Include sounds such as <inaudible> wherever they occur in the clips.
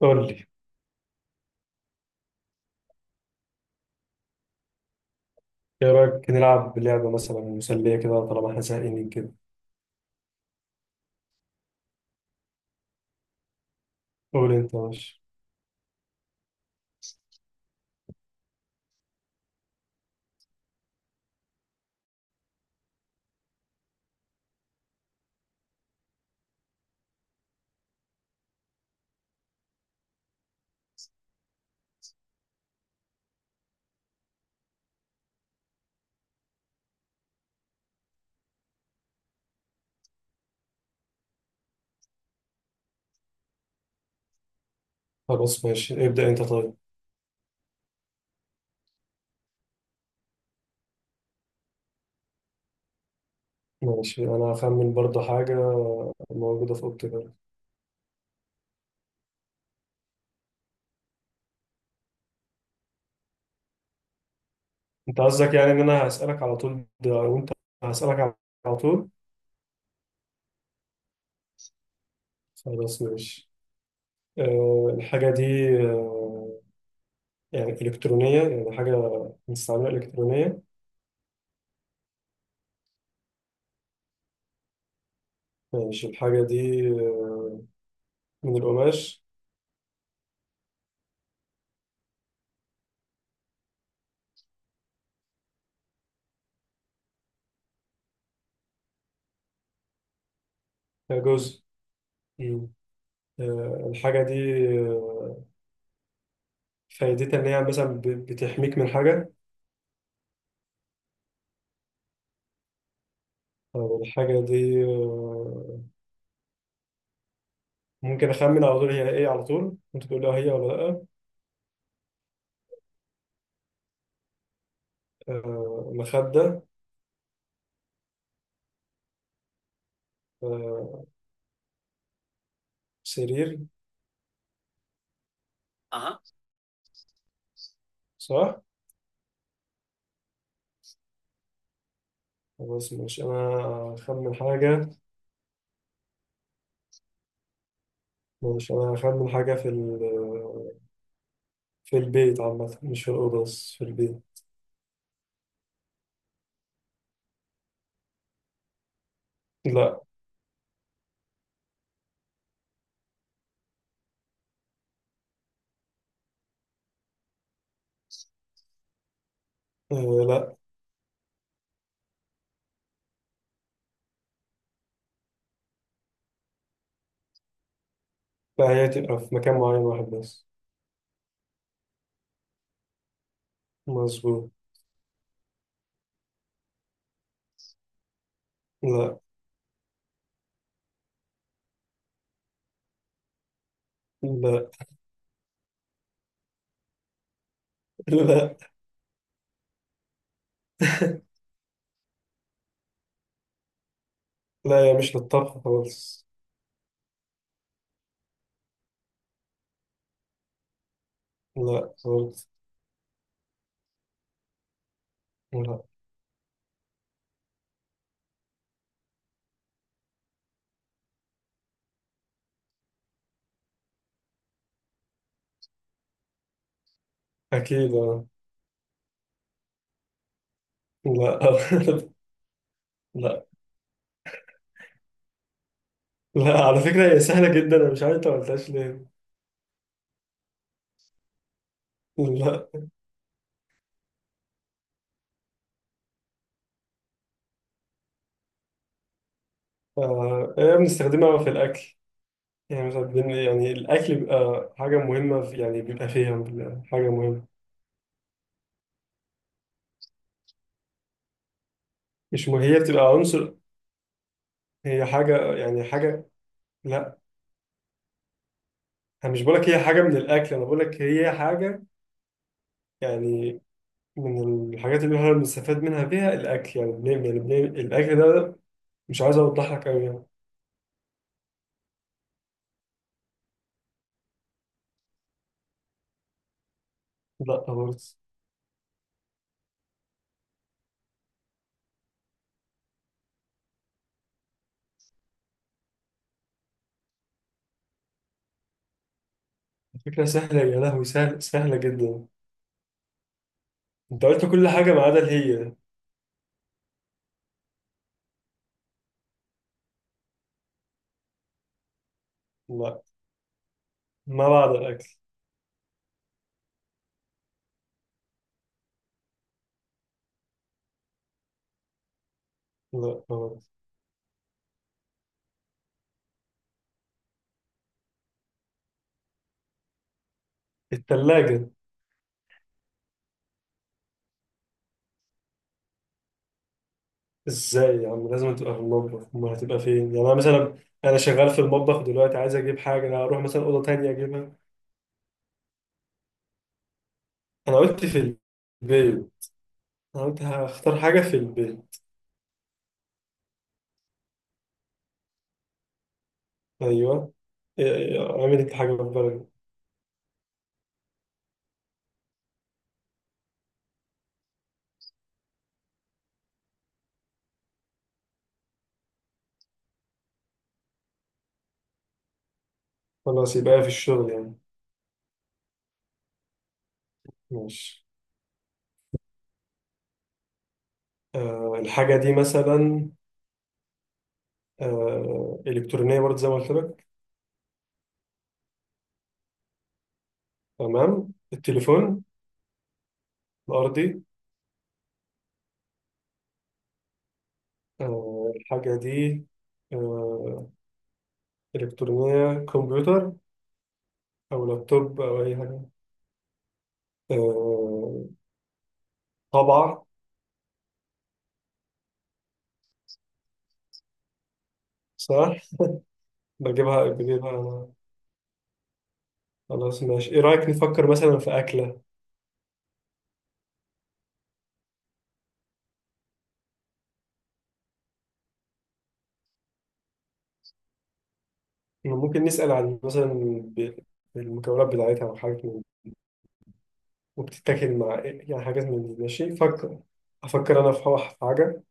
قول لي. ايه رايك نلعب لعبه مثلا مسليه كده طالما احنا زهقانين كده؟ قول انت، ماشي. خلاص ماشي ابدا، انت طيب. ماشي، انا هخمن برضه حاجه موجوده في اوضتي كده. انت قصدك يعني ان انا هسالك على طول ده، وانت هسالك على طول؟ خلاص ماشي. الحاجه دي أه يعني الكترونيه، يعني حاجه مستعمله الكترونيه. ماشي، الحاجه دي من القماش. آه، جزء. مم. الحاجه دي، آه، فايدتها إن هي مثلا بتحميك من حاجة. أو الحاجة دي، ممكن أخمن على طول، هي إيه؟ على طول ممكن تقول لها هي ولا لأ؟ مخدة. آه، سرير. اها. صح؟ خلاص، مش أنا أخمن حاجة. مش أنا أخمن حاجة في في البيت عامة، مش في الأوضة بس في البيت. لا. آه، لا، لا، هي تبقى في مكان معين واحد بس. مظبوط. لا، لا، <laughs> لا، لا، هي مش للطبخ خالص. لا خالص. لا. أكيد أه. لا <laughs> لا. لا، على فكرة هي سهلة جدا، أنا مش عارف أنت ما قلتهاش ليه. لا. آه، هي بنستخدمها في الأكل. يعني مثلا يعني الأكل بيبقى حاجة مهمة في، يعني بيبقى فيها، بيبقى حاجة مهمة. مش مه... هي بتبقى عنصر. هي حاجة، يعني حاجة. لا. أنا مش بقولك هي حاجة من الأكل، أنا بقولك هي حاجة يعني من الحاجات اللي احنا بنستفاد منها فيها الأكل، يعني يعني الأكل ده. مش عايز أوضح لك أوي يعني. لا برضه. فكرة سهلة يا لهوي، سهلة جدا. انت قلت كل حاجة ما عدا الهي. لا، ما بعد الأكل. لا، ما بعد. التلاجة. ازاي يا عم، لازم تبقى في المطبخ، ما هتبقى فين يعني؟ أنا مثلا، أنا شغال في المطبخ دلوقتي، عايز أجيب حاجة، أنا أروح مثلا أوضة تانية أجيبها؟ أنا قلت في البيت. أنا قلت هختار حاجة في البيت. أيوه. إيه، أعمل إنت حاجة في بالك. خلاص، يبقى في الشغل يعني. ماشي. الحاجة دي مثلا، إلكترونية برضه زي ما قلت لك. تمام. التليفون الأرضي. الحاجة دي، آه، إلكترونية، كمبيوتر أو لابتوب أو أي حاجة. آه، طبعة. صح. بجيبها بجيبها أنا. خلاص ماشي، إيه رأيك نفكر مثلا في أكلة؟ ممكن نسأل عن مثلا ب- المكونات بتاعتها، أو حاجة من، وبتتاكل مع إيه يعني، حاجات من دي. ماشي، فكر. أفكر أنا في حاجة.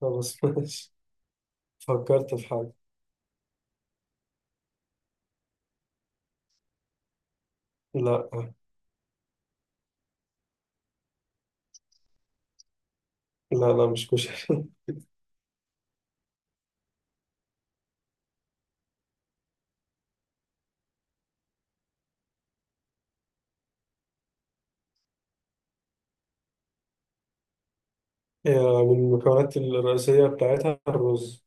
خلاص ماشي، فكرت في حاجة. لا، لا. لا مش كشري. آه، من المكونات الرئيسية بتاعتها الرز.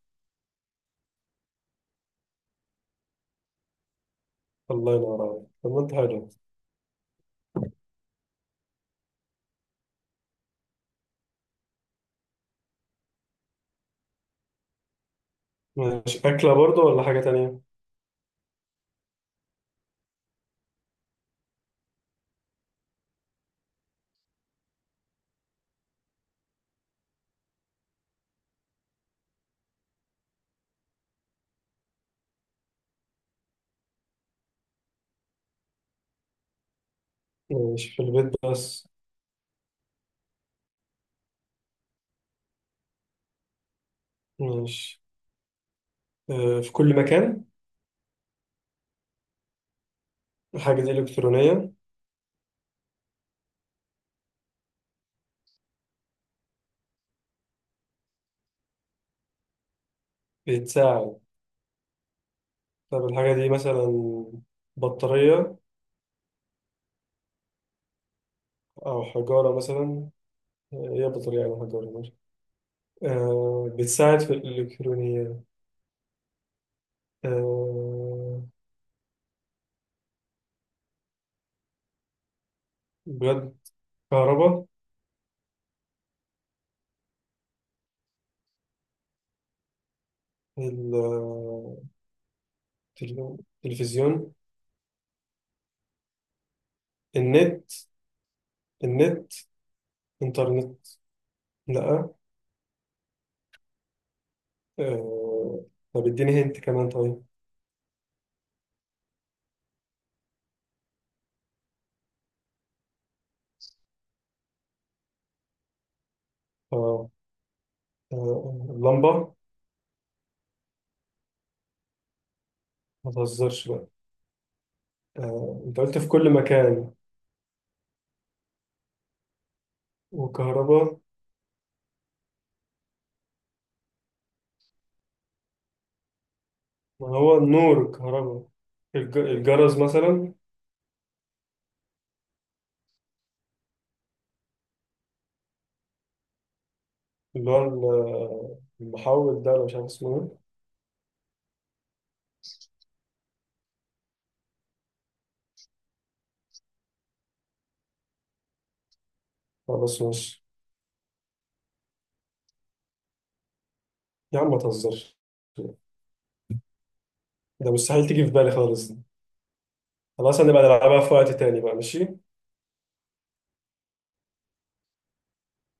الله ينور عليك، طب ما انت حلو. ماشي، أكلة برضو ولا حاجة تانية؟ ماشي، في البيت بس. ماشي. آه، في كل مكان. الحاجة دي إلكترونية؟ بتساعد. طب الحاجة دي مثلا بطارية، أو حجارة مثلا. آه، هي بطارية أو حجارة، ماشي. آه، بتساعد في الإلكترونيات. آه، بجد. كهرباء. ال- التلفزيون. النت النت. إنترنت. لأ. آه. طب إديني هنت كمان طيب. آه. اللمبة. ما تهزرش بقى. أنت قلت في كل مكان وكهرباء. ما هو النور الكهرباء. الجرس مثلا. اللي هو المحول ده، أنا مش عارف اسمه إيه. خلاص ماشي. يا عم ما تهزرش. ده مستحيل تيجي في بالي خالص دي. خلاص، هنبقى نلعبها في وقت تاني بقى. ماشي.